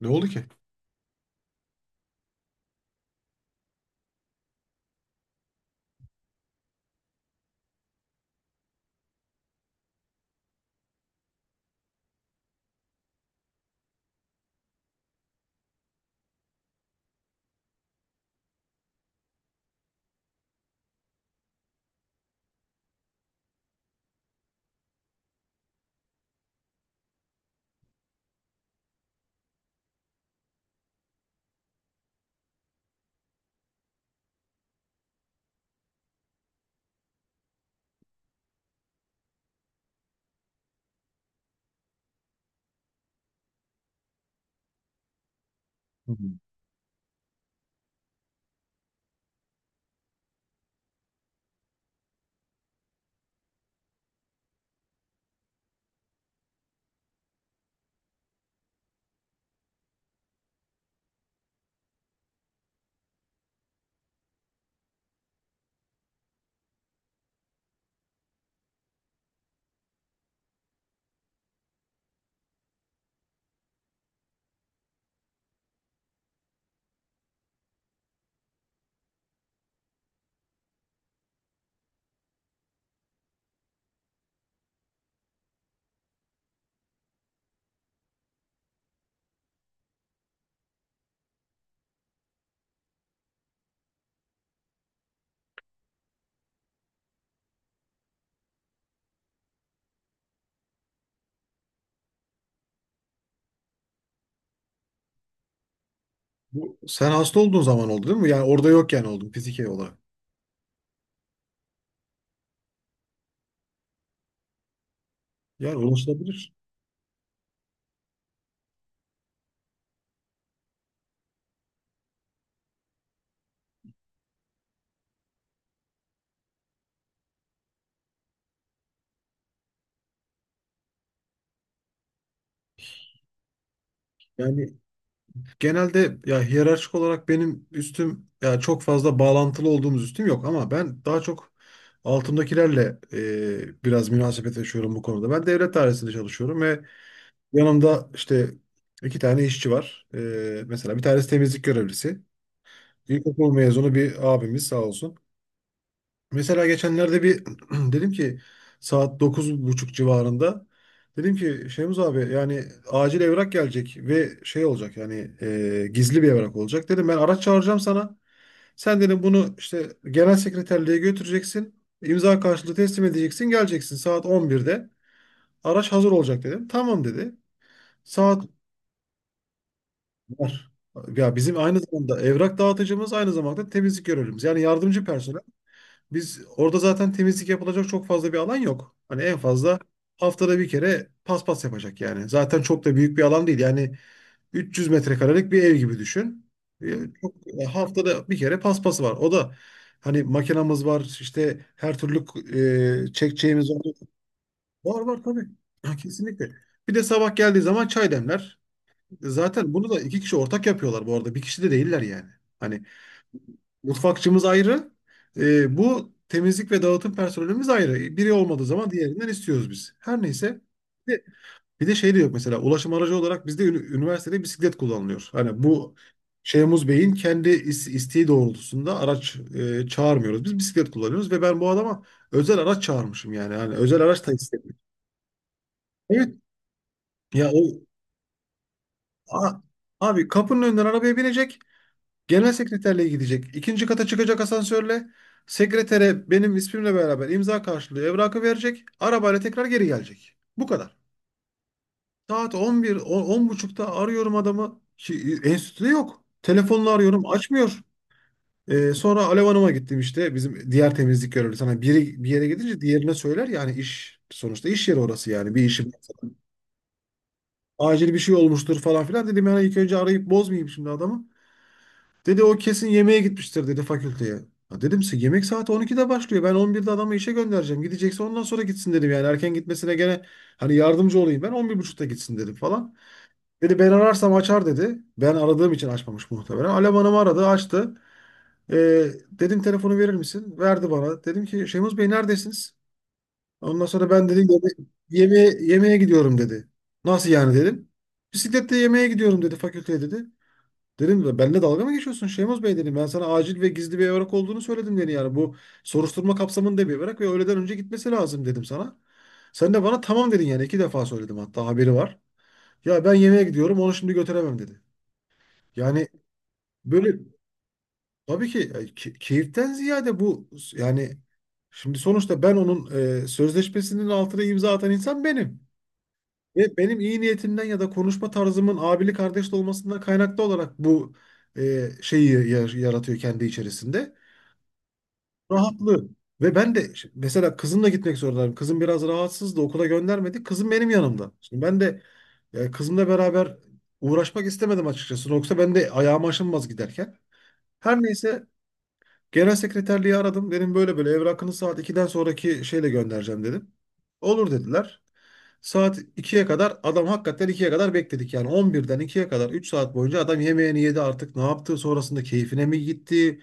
Ne oldu ki? Hı. Hı. Bu, sen hasta olduğun zaman oldu değil mi? Yani orada yokken oldun fiziki olarak. Yani ulaşılabilir. Yani genelde ya hiyerarşik olarak benim üstüm ya çok fazla bağlantılı olduğumuz üstüm yok ama ben daha çok altımdakilerle biraz münasebet yaşıyorum bu konuda. Ben devlet dairesinde çalışıyorum ve yanımda işte iki tane işçi var. Mesela bir tanesi temizlik görevlisi. İlkokul mezunu bir abimiz sağ olsun. Mesela geçenlerde bir dedim ki saat 9:30 civarında dedim ki Şemuz abi yani acil evrak gelecek ve şey olacak yani gizli bir evrak olacak. Dedim ben araç çağıracağım sana. Sen dedim bunu işte genel sekreterliğe götüreceksin. İmza karşılığı teslim edeceksin. Geleceksin saat 11'de. Araç hazır olacak dedim. Tamam dedi. Saat var. Ya bizim aynı zamanda evrak dağıtıcımız aynı zamanda temizlik görevlimiz. Yani yardımcı personel. Biz orada zaten temizlik yapılacak çok fazla bir alan yok. Hani en fazla haftada bir kere paspas yapacak yani. Zaten çok da büyük bir alan değil. Yani 300 metrekarelik bir ev gibi düşün. E, Çok, Haftada bir kere paspası var. O da hani makinamız var işte her türlü çekeceğimiz var. Var var tabii. Ha, kesinlikle. Bir de sabah geldiği zaman çay demler. Zaten bunu da iki kişi ortak yapıyorlar bu arada. Bir kişi de değiller yani. Hani mutfakçımız ayrı. Bu temizlik ve dağıtım personelimiz ayrı. Biri olmadığı zaman diğerinden istiyoruz biz. Her neyse. Bir de, bir de şey de yok mesela ulaşım aracı olarak bizde üniversitede bisiklet kullanılıyor. Hani bu Şeyhmuz Bey'in kendi isteği doğrultusunda araç çağırmıyoruz. Biz bisiklet kullanıyoruz ve ben bu adama özel araç çağırmışım yani. Yani özel araç da istemiyorum. Evet. Ya o a- abi kapının önünden arabaya binecek. Genel sekreterliğe gidecek. İkinci kata çıkacak asansörle. Sekretere benim ismimle beraber imza karşılığı evrakı verecek. Arabayla tekrar geri gelecek. Bu kadar. Saat 11 buçukta arıyorum adamı. Ki, enstitüde yok. Telefonla arıyorum açmıyor. Sonra Alev Hanım'a gittim işte. Bizim diğer temizlik görevlisi. Sana biri bir yere gidince diğerine söyler. Yani iş sonuçta iş yeri orası yani. Bir işim. Acil bir şey olmuştur falan filan. Dedim yani ilk önce arayıp bozmayayım şimdi adamı. Dedi o kesin yemeğe gitmiştir dedi fakülteye. Ha dedim size yemek saati 12'de başlıyor. Ben 11'de adamı işe göndereceğim. Gidecekse ondan sonra gitsin dedim yani. Erken gitmesine gene hani yardımcı olayım. Ben 11:30'da gitsin dedim falan. Dedi ben ararsam açar dedi. Ben aradığım için açmamış muhtemelen. Alem Hanım aradı açtı. Dedim telefonu verir misin? Verdi bana. Dedim ki Şemuz Bey neredesiniz? Ondan sonra ben dedim yemeğe gidiyorum dedi. Nasıl yani dedim. Bisikletle yemeğe gidiyorum dedi fakülteye dedi. Dedim "Ve benimle dalga mı geçiyorsun Şeymoz Bey dedim. Ben sana acil ve gizli bir evrak olduğunu söyledim dedi yani. Bu soruşturma kapsamında bir evrak ve öğleden önce gitmesi lazım dedim sana. Sen de bana tamam dedin yani iki defa söyledim hatta haberi var. Ya ben yemeğe gidiyorum onu şimdi götüremem dedi. Yani böyle tabii ki keyiften ziyade bu yani şimdi sonuçta ben onun sözleşmesinin altına imza atan insan benim. Ve benim iyi niyetimden ya da konuşma tarzımın abili kardeşli olmasından kaynaklı olarak bu şeyi yaratıyor kendi içerisinde. Rahatlığı. Ve ben de mesela kızımla gitmek zorundayım. Kızım biraz rahatsızdı. Okula göndermedi. Kızım benim yanımda. Şimdi ben de kızımla beraber uğraşmak istemedim açıkçası. Yoksa ben de ayağım aşınmaz giderken. Her neyse. Genel sekreterliği aradım. Dedim böyle böyle evrakını saat ikiden sonraki şeyle göndereceğim dedim. Olur dediler. Saat ikiye kadar adam hakikaten ikiye kadar bekledik. Yani on birden ikiye kadar 3 saat boyunca adam yemeğini yedi artık ne yaptı sonrasında keyfine mi gitti?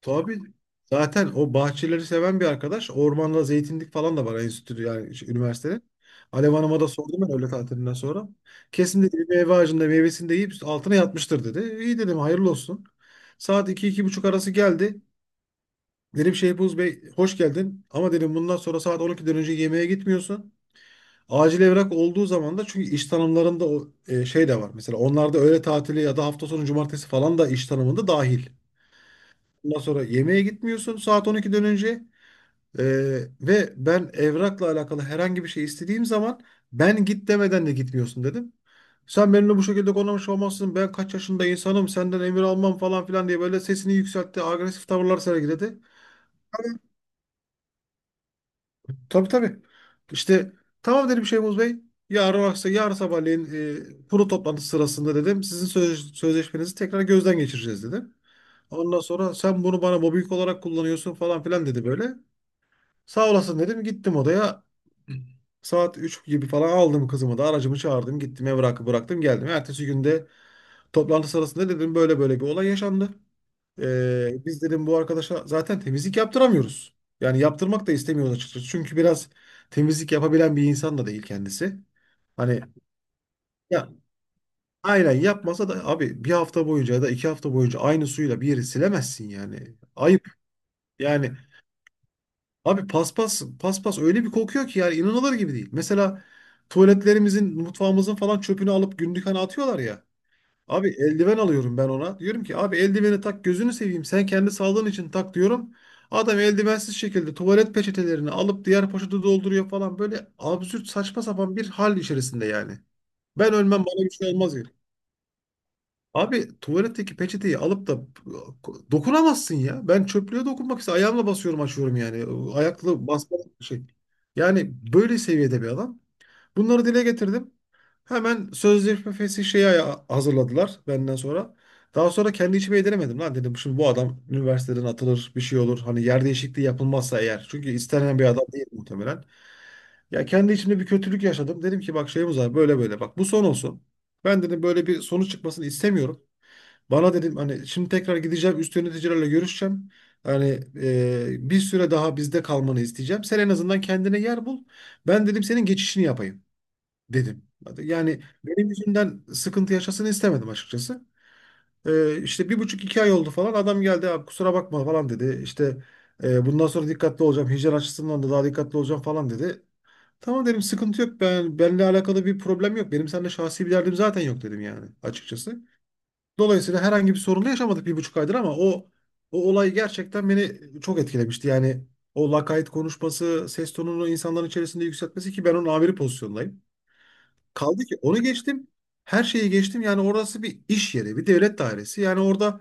Tabii zaten o bahçeleri seven bir arkadaş. Ormanda zeytinlik falan da var enstitü yani şu üniversitenin. Alev Hanım'a da sordum ben öğle tatilinden sonra. Kesin dedi bir meyve ağacında meyvesini de yiyip altına yatmıştır dedi. İyi dedim hayırlı olsun. Saat iki iki buçuk arası geldi. Dedim Şehbuz Bey hoş geldin ama dedim bundan sonra saat 12'den önce yemeğe gitmiyorsun. Acil evrak olduğu zaman da çünkü iş tanımlarında o şey de var. Mesela onlarda öğle tatili ya da hafta sonu cumartesi falan da iş tanımında dahil. Bundan sonra yemeğe gitmiyorsun saat 12'den önce. E, Ve ben evrakla alakalı herhangi bir şey istediğim zaman ben git demeden de gitmiyorsun dedim. Sen benimle bu şekilde konuşmuş olmazsın. Ben kaç yaşında insanım senden emir almam falan filan diye böyle sesini yükseltti. Agresif tavırlar sergiledi. Tabii tabii. İşte tamam dedim Şeyhmuz Bey. Yarın akşam, yarın sabahleyin kurul toplantısı sırasında dedim. Sizin sözleşmenizi tekrar gözden geçireceğiz dedim. Ondan sonra sen bunu bana mobbing olarak kullanıyorsun falan filan dedi böyle. Sağ olasın dedim. Gittim odaya. Saat 3 gibi falan aldım kızımı da aracımı çağırdım. Gittim evrakı bıraktım geldim. Ertesi günde toplantı sırasında dedim böyle böyle bir olay yaşandı. Biz dedim bu arkadaşa zaten temizlik yaptıramıyoruz. Yani yaptırmak da istemiyoruz açıkçası. Çünkü biraz temizlik yapabilen bir insan da değil kendisi. Hani ya aynen yapmasa da abi bir hafta boyunca ya da 2 hafta boyunca aynı suyla bir yeri silemezsin yani. Ayıp. Yani abi paspas paspas öyle bir kokuyor ki yani inanılır gibi değil. Mesela tuvaletlerimizin, mutfağımızın falan çöpünü alıp günlük hani atıyorlar ya. Abi eldiven alıyorum ben ona. Diyorum ki abi eldiveni tak gözünü seveyim. Sen kendi sağlığın için tak diyorum. Adam eldivensiz şekilde tuvalet peçetelerini alıp diğer poşete dolduruyor falan. Böyle absürt saçma sapan bir hal içerisinde yani. Ben ölmem bana bir şey olmaz diyor. Abi tuvaletteki peçeteyi alıp da dokunamazsın ya. Ben çöplüğe dokunmak için ayağımla basıyorum açıyorum yani. Ayakla basmak bir şey. Yani böyle seviyede bir adam. Bunları dile getirdim. Hemen sözleşmesi şeyi hazırladılar benden sonra. Daha sonra kendi içime yediremedim lan dedim. Şimdi bu adam üniversiteden atılır bir şey olur. Hani yer değişikliği yapılmazsa eğer. Çünkü istenen bir adam değil muhtemelen. Ya kendi içimde bir kötülük yaşadım. Dedim ki bak şeyimiz var böyle böyle bak bu son olsun. Ben dedim böyle bir sonuç çıkmasını istemiyorum. Bana dedim hani şimdi tekrar gideceğim üst yöneticilerle görüşeceğim. Hani bir süre daha bizde kalmanı isteyeceğim. Sen en azından kendine yer bul. Ben dedim senin geçişini yapayım dedim. Yani benim yüzümden sıkıntı yaşasını istemedim açıkçası. İşte bir buçuk iki ay oldu falan. Adam geldi abi kusura bakma falan dedi. İşte " Bundan sonra dikkatli olacağım. Hijyen açısından da daha dikkatli olacağım falan dedi. Tamam dedim sıkıntı yok. Ben benimle alakalı bir problem yok. Benim seninle şahsi bir derdim zaten yok dedim yani açıkçası. Dolayısıyla herhangi bir sorunla yaşamadık 1,5 aydır ama o olay gerçekten beni çok etkilemişti. Yani o lakayt konuşması, ses tonunu insanların içerisinde yükseltmesi ki ben onun amiri pozisyondayım. Kaldı ki onu geçtim. Her şeyi geçtim. Yani orası bir iş yeri, bir devlet dairesi. Yani orada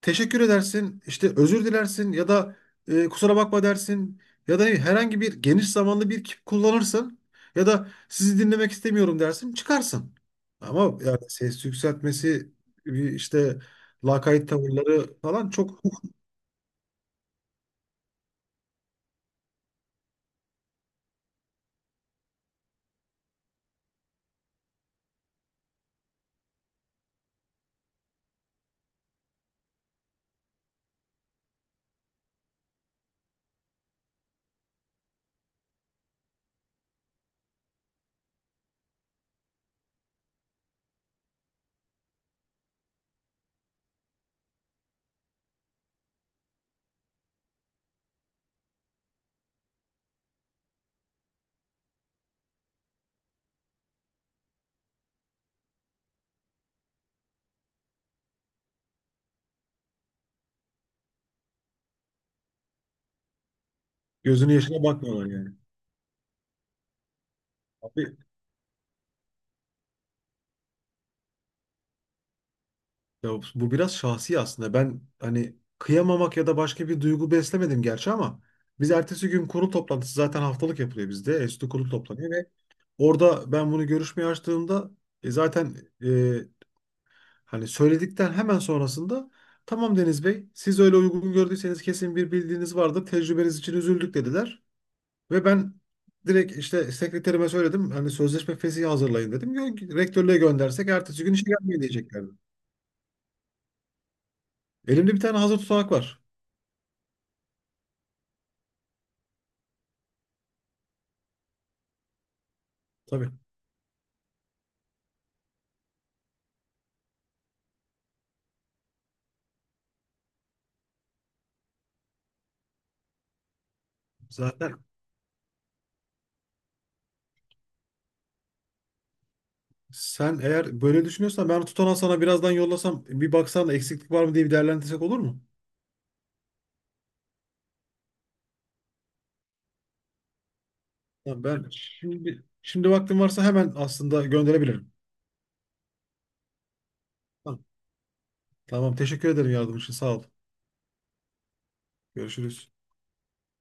teşekkür edersin, işte özür dilersin ya da kusura bakma dersin ya da ne bileyim, herhangi bir geniş zamanlı bir kip kullanırsın ya da sizi dinlemek istemiyorum dersin, çıkarsın. Ama yani ses yükseltmesi bir işte lakayt tavırları falan çok gözünün yaşına bakmıyorlar yani. Abi, ya bu biraz şahsi aslında. Ben hani kıyamamak ya da başka bir duygu beslemedim gerçi ama biz ertesi gün kurul toplantısı zaten haftalık yapılıyor bizde. Enstitü kurul toplanıyor ve orada ben bunu görüşmeye açtığımda zaten e, hani söyledikten hemen sonrasında tamam Deniz Bey siz öyle uygun gördüyseniz kesin bir bildiğiniz vardır. Tecrübeniz için üzüldük dediler. Ve ben direkt işte sekreterime söyledim hani sözleşme fesihi hazırlayın dedim. Rektörlüğe göndersek ertesi gün işe gelmeye diyeceklerdi. Elimde bir tane hazır tutanak var. Tabii. Zaten sen eğer böyle düşünüyorsan ben tutanağı sana birazdan yollasam bir baksan da eksiklik var mı diye bir değerlendirsek olur mu? Tamam, ben şimdi vaktim varsa hemen aslında gönderebilirim. Tamam, tamam teşekkür ederim yardım için sağ ol. Görüşürüz.